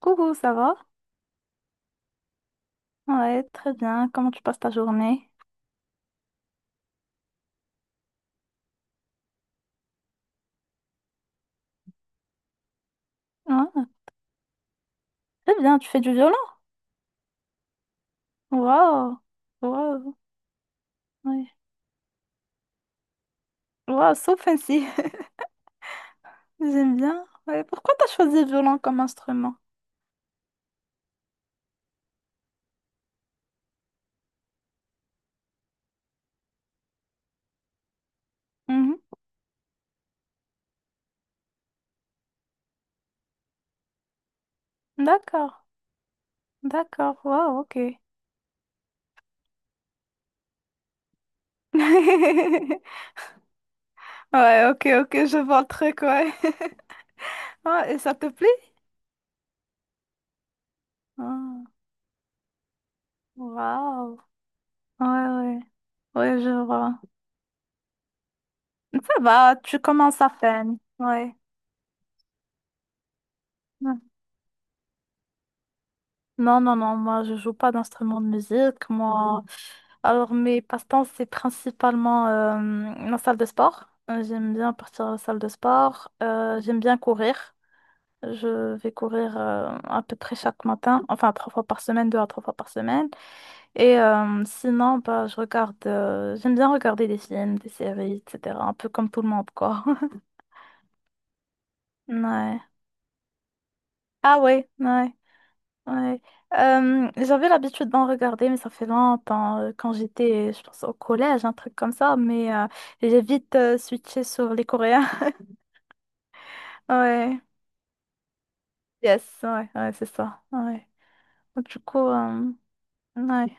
Coucou, ça va? Ouais, très bien. Comment tu passes ta journée? Ouais, très bien. Tu fais du violon? Waouh! Waouh! Ouais. Waouh, so fancy. J'aime bien. Ouais, pourquoi t'as choisi le violon comme instrument? Mhm. D'accord. D'accord. Waouh, ok. Ouais, ok, ok, je vois le truc, ouais. Ouais, et ça te plaît? Ah, waouh. Ouais, ouais. Ouais, je vois. Ça va, tu commences à peine. Ouais. Ouais. Non, non, non, moi je joue pas d'instrument de musique. Moi, alors, mes passe-temps, c'est principalement la salle de sport. J'aime bien partir à la salle de sport. J'aime bien courir. Je vais courir à peu près chaque matin, enfin trois fois par semaine, deux à trois fois par semaine. Et sinon, bah, je regarde, j'aime bien regarder des films, des séries, etc. Un peu comme tout le monde, quoi. Ouais. Ah ouais, ouais. Ouais. J'avais l'habitude d'en regarder, mais ça fait longtemps, quand j'étais, je pense, au collège, un truc comme ça, mais j'ai vite switché sur les Coréens. Ouais, yes, ouais, ouais, c'est ça. Ouais. Du coup, ouais.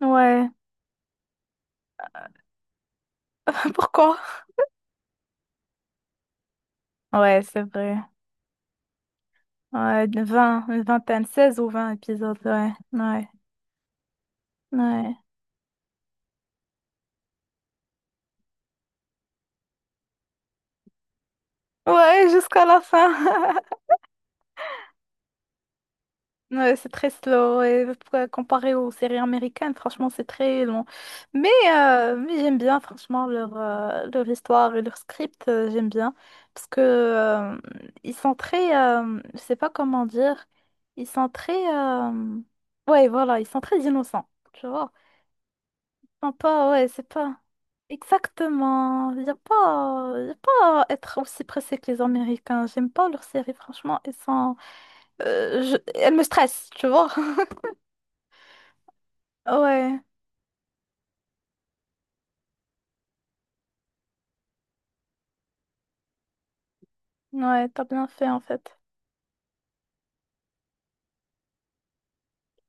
Ouais. Pourquoi? Ouais, c'est vrai. Ouais, de 20, une vingtaine, 16 ou 20 épisodes, ouais. Ouais. Ouais. Ouais, jusqu'à la fin. Ouais, c'est très slow et comparé aux séries américaines, franchement, c'est très long. Mais, mais j'aime bien, franchement, leur, leur histoire et leur script, j'aime bien. Parce que ils sont très, je sais pas comment dire, ils sont très, ouais, voilà, ils sont très innocents, tu vois. Ils sont pas, ouais, c'est pas exactement, il y a pas à être aussi pressé que les Américains. J'aime pas leurs séries, franchement, elles sont, elles me stressent, tu vois. Ouais, ouais, t'as bien fait en fait.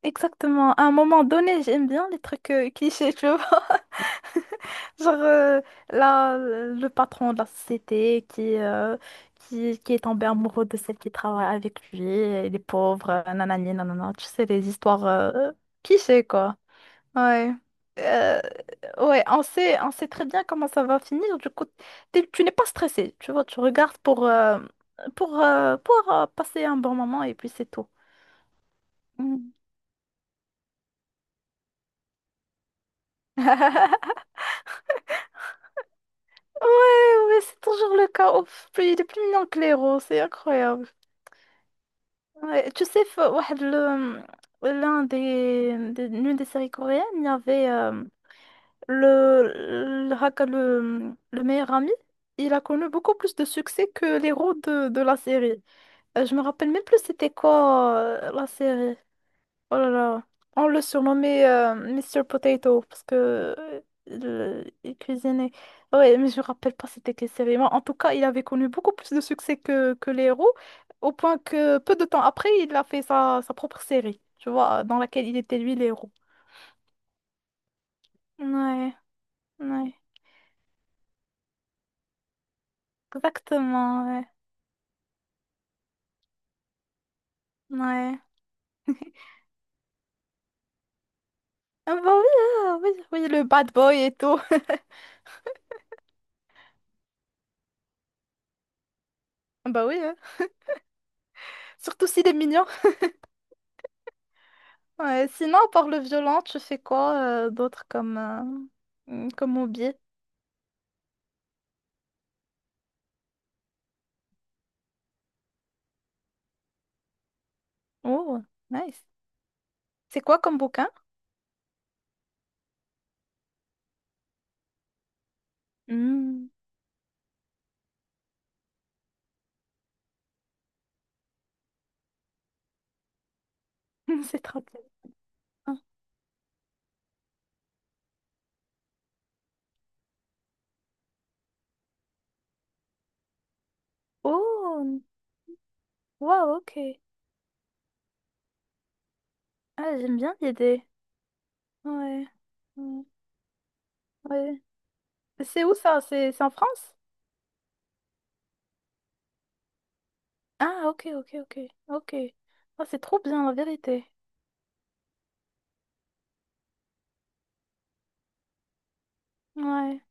Exactement. À un moment donné, j'aime bien les trucs clichés, tu vois. Genre là, le patron de la société qui, qui est tombé amoureux de celle qui travaille avec lui, et les pauvres, nanani, nanana. Tu sais, les histoires clichés, quoi. Ouais. Euh, ouais, on sait très bien comment ça va finir. Du coup, tu n'es pas stressé, tu vois. Tu regardes pour passer un bon moment et puis c'est tout. Mm. Ouais, ouais, c'est toujours le cas. Ouf, il est plus mignon que les roses, c'est incroyable. Ouais, tu sais, l'un des, l'une des séries coréennes, il y avait le, le meilleur ami. Il a connu beaucoup plus de succès que l'héros de la série. Je me rappelle même plus c'était quoi la série. Oh là là. On le surnommait Mr. Potato parce que il cuisinait. Ouais, mais je me rappelle pas c'était quelle série. Mais en tout cas, il avait connu beaucoup plus de succès que les héros, au point que peu de temps après, il a fait sa propre série, tu vois, dans laquelle il était lui les héros. Ouais, ouais, exactement, ouais, ouais. Ah bah oui, ah oui, oui, le bad boy et tout. Ah bah oui, hein. Surtout s'il est mignon. Ouais, sinon, par le violent, tu fais quoi d'autre comme, comme hobby? Oh, nice. C'est quoi comme bouquin? Hmm. C'est trop bien. Oh, wow, ok. Ah, j'aime bien l'idée. Ouais, ouais. Ouais. C'est où ça? C'est en France? Ah, ok, ok, ok, ok. Ah, c'est trop bien, la vérité. Ouais.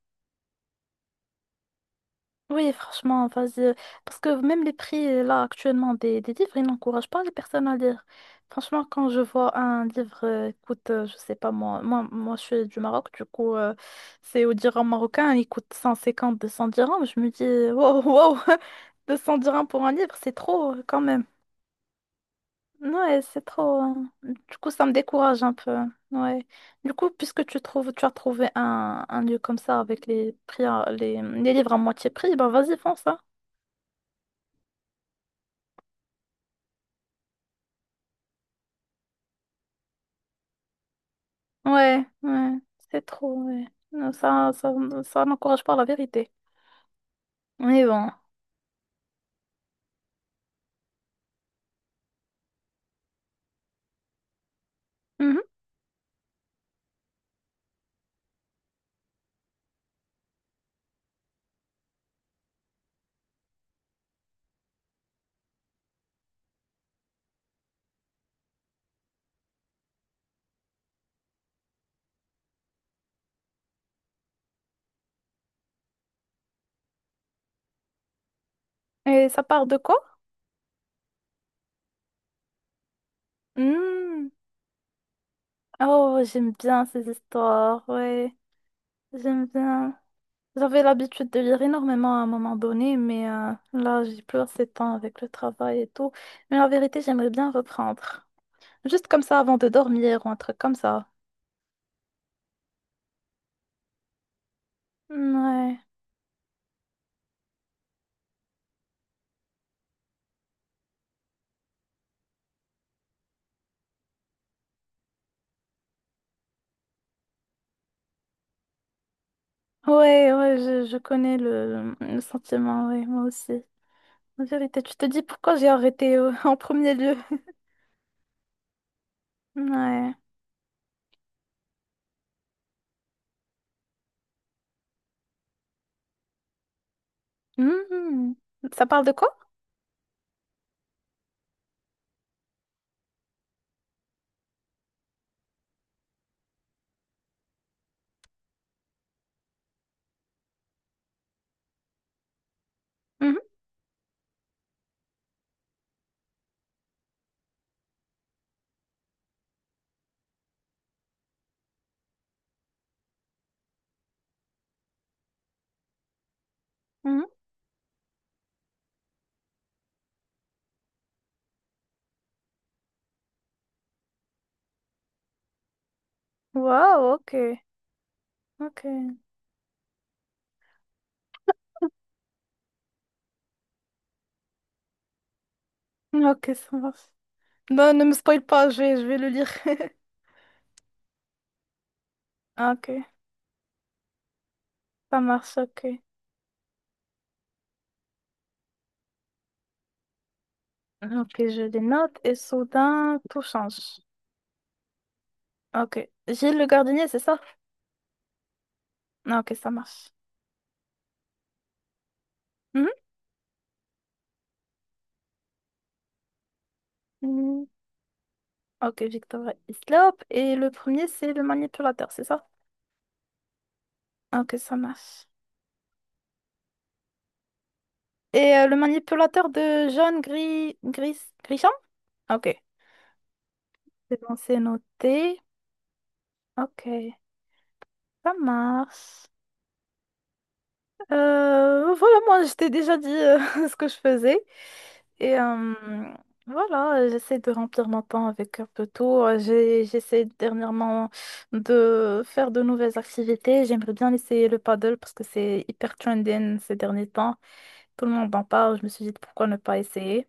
Oui, franchement, vas-y. Parce que même les prix, là, actuellement, des livres, ils n'encouragent pas les personnes à lire. Franchement, quand je vois un livre coûte, je sais pas moi, je suis du Maroc, du coup, c'est au dirham marocain, il coûte 152 200 dirhams. Je me dis, wow, wow, 200 dirhams pour un livre, c'est trop quand même. Ouais, c'est trop, hein. Du coup, ça me décourage un peu. Ouais. Du coup, puisque tu trouves, tu as trouvé un lieu comme ça avec les prix, les livres à moitié prix, ben vas-y, fonce, hein. Ouais, ouais, c'est trop, ouais. Non, ça n'encourage pas la vérité. Mais bon. Mhm. Et ça part de quoi? Hmm. Oh, j'aime bien ces histoires, ouais. J'aime bien. J'avais l'habitude de lire énormément à un moment donné, mais là, j'ai plus assez de temps avec le travail et tout. Mais la vérité, j'aimerais bien reprendre. Juste comme ça avant de dormir ou un truc comme ça. Ouais. Ouais, ouais, je connais le sentiment, ouais, moi aussi. En vérité, tu te dis pourquoi j'ai arrêté en premier lieu. Ouais. Mhm. Ça parle de quoi? Mhm, mhm. Wow, ok. Ok. Ok, ça marche. Non, ne me spoil pas, je vais le lire. Ok, ça marche, ok. Ok, je les note et soudain, tout change. Ok. Gilles le gardinier, c'est ça? Ok, ça marche. Mhm. Mhm. Ok, Victor Islop. Et le premier, c'est le manipulateur, c'est ça? Ok, ça marche. Et le manipulateur de jaune gris, grison? Ok. C'est bon, c'est noté. Ok, ça marche. Voilà, moi, je t'ai déjà dit ce que je faisais. Et voilà, j'essaie de remplir mon temps avec un peu tout. J'essaie dernièrement de faire de nouvelles activités. J'aimerais bien essayer le paddle parce que c'est hyper trending ces derniers temps. Tout le monde en parle. Je me suis dit pourquoi ne pas essayer.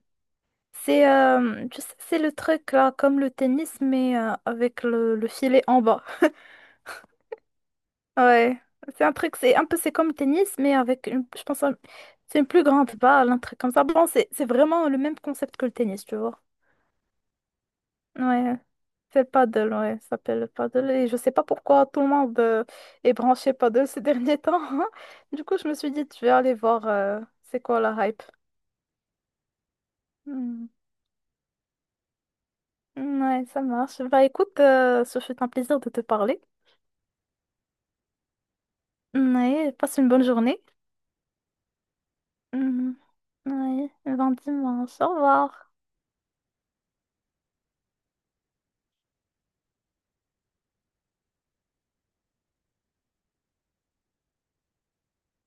C'est tu sais, c'est le truc là, comme le tennis, mais avec le filet en bas. Ouais, c'est un truc, c'est un peu, c'est comme le tennis, mais avec, je pense, c'est une plus grande balle, un truc comme ça. Bon, c'est vraiment le même concept que le tennis, tu vois. Ouais, c'est le paddle, ouais, ça s'appelle le paddle. Et je sais pas pourquoi tout le monde est branché paddle ces derniers temps. Du coup, je me suis dit, tu vais aller voir c'est quoi la hype. Hmm. Ouais, ça marche. Bah écoute, ce fut un plaisir de te parler. Ouais, passe une bonne journée. Mhm. Ouais, ben dis au revoir.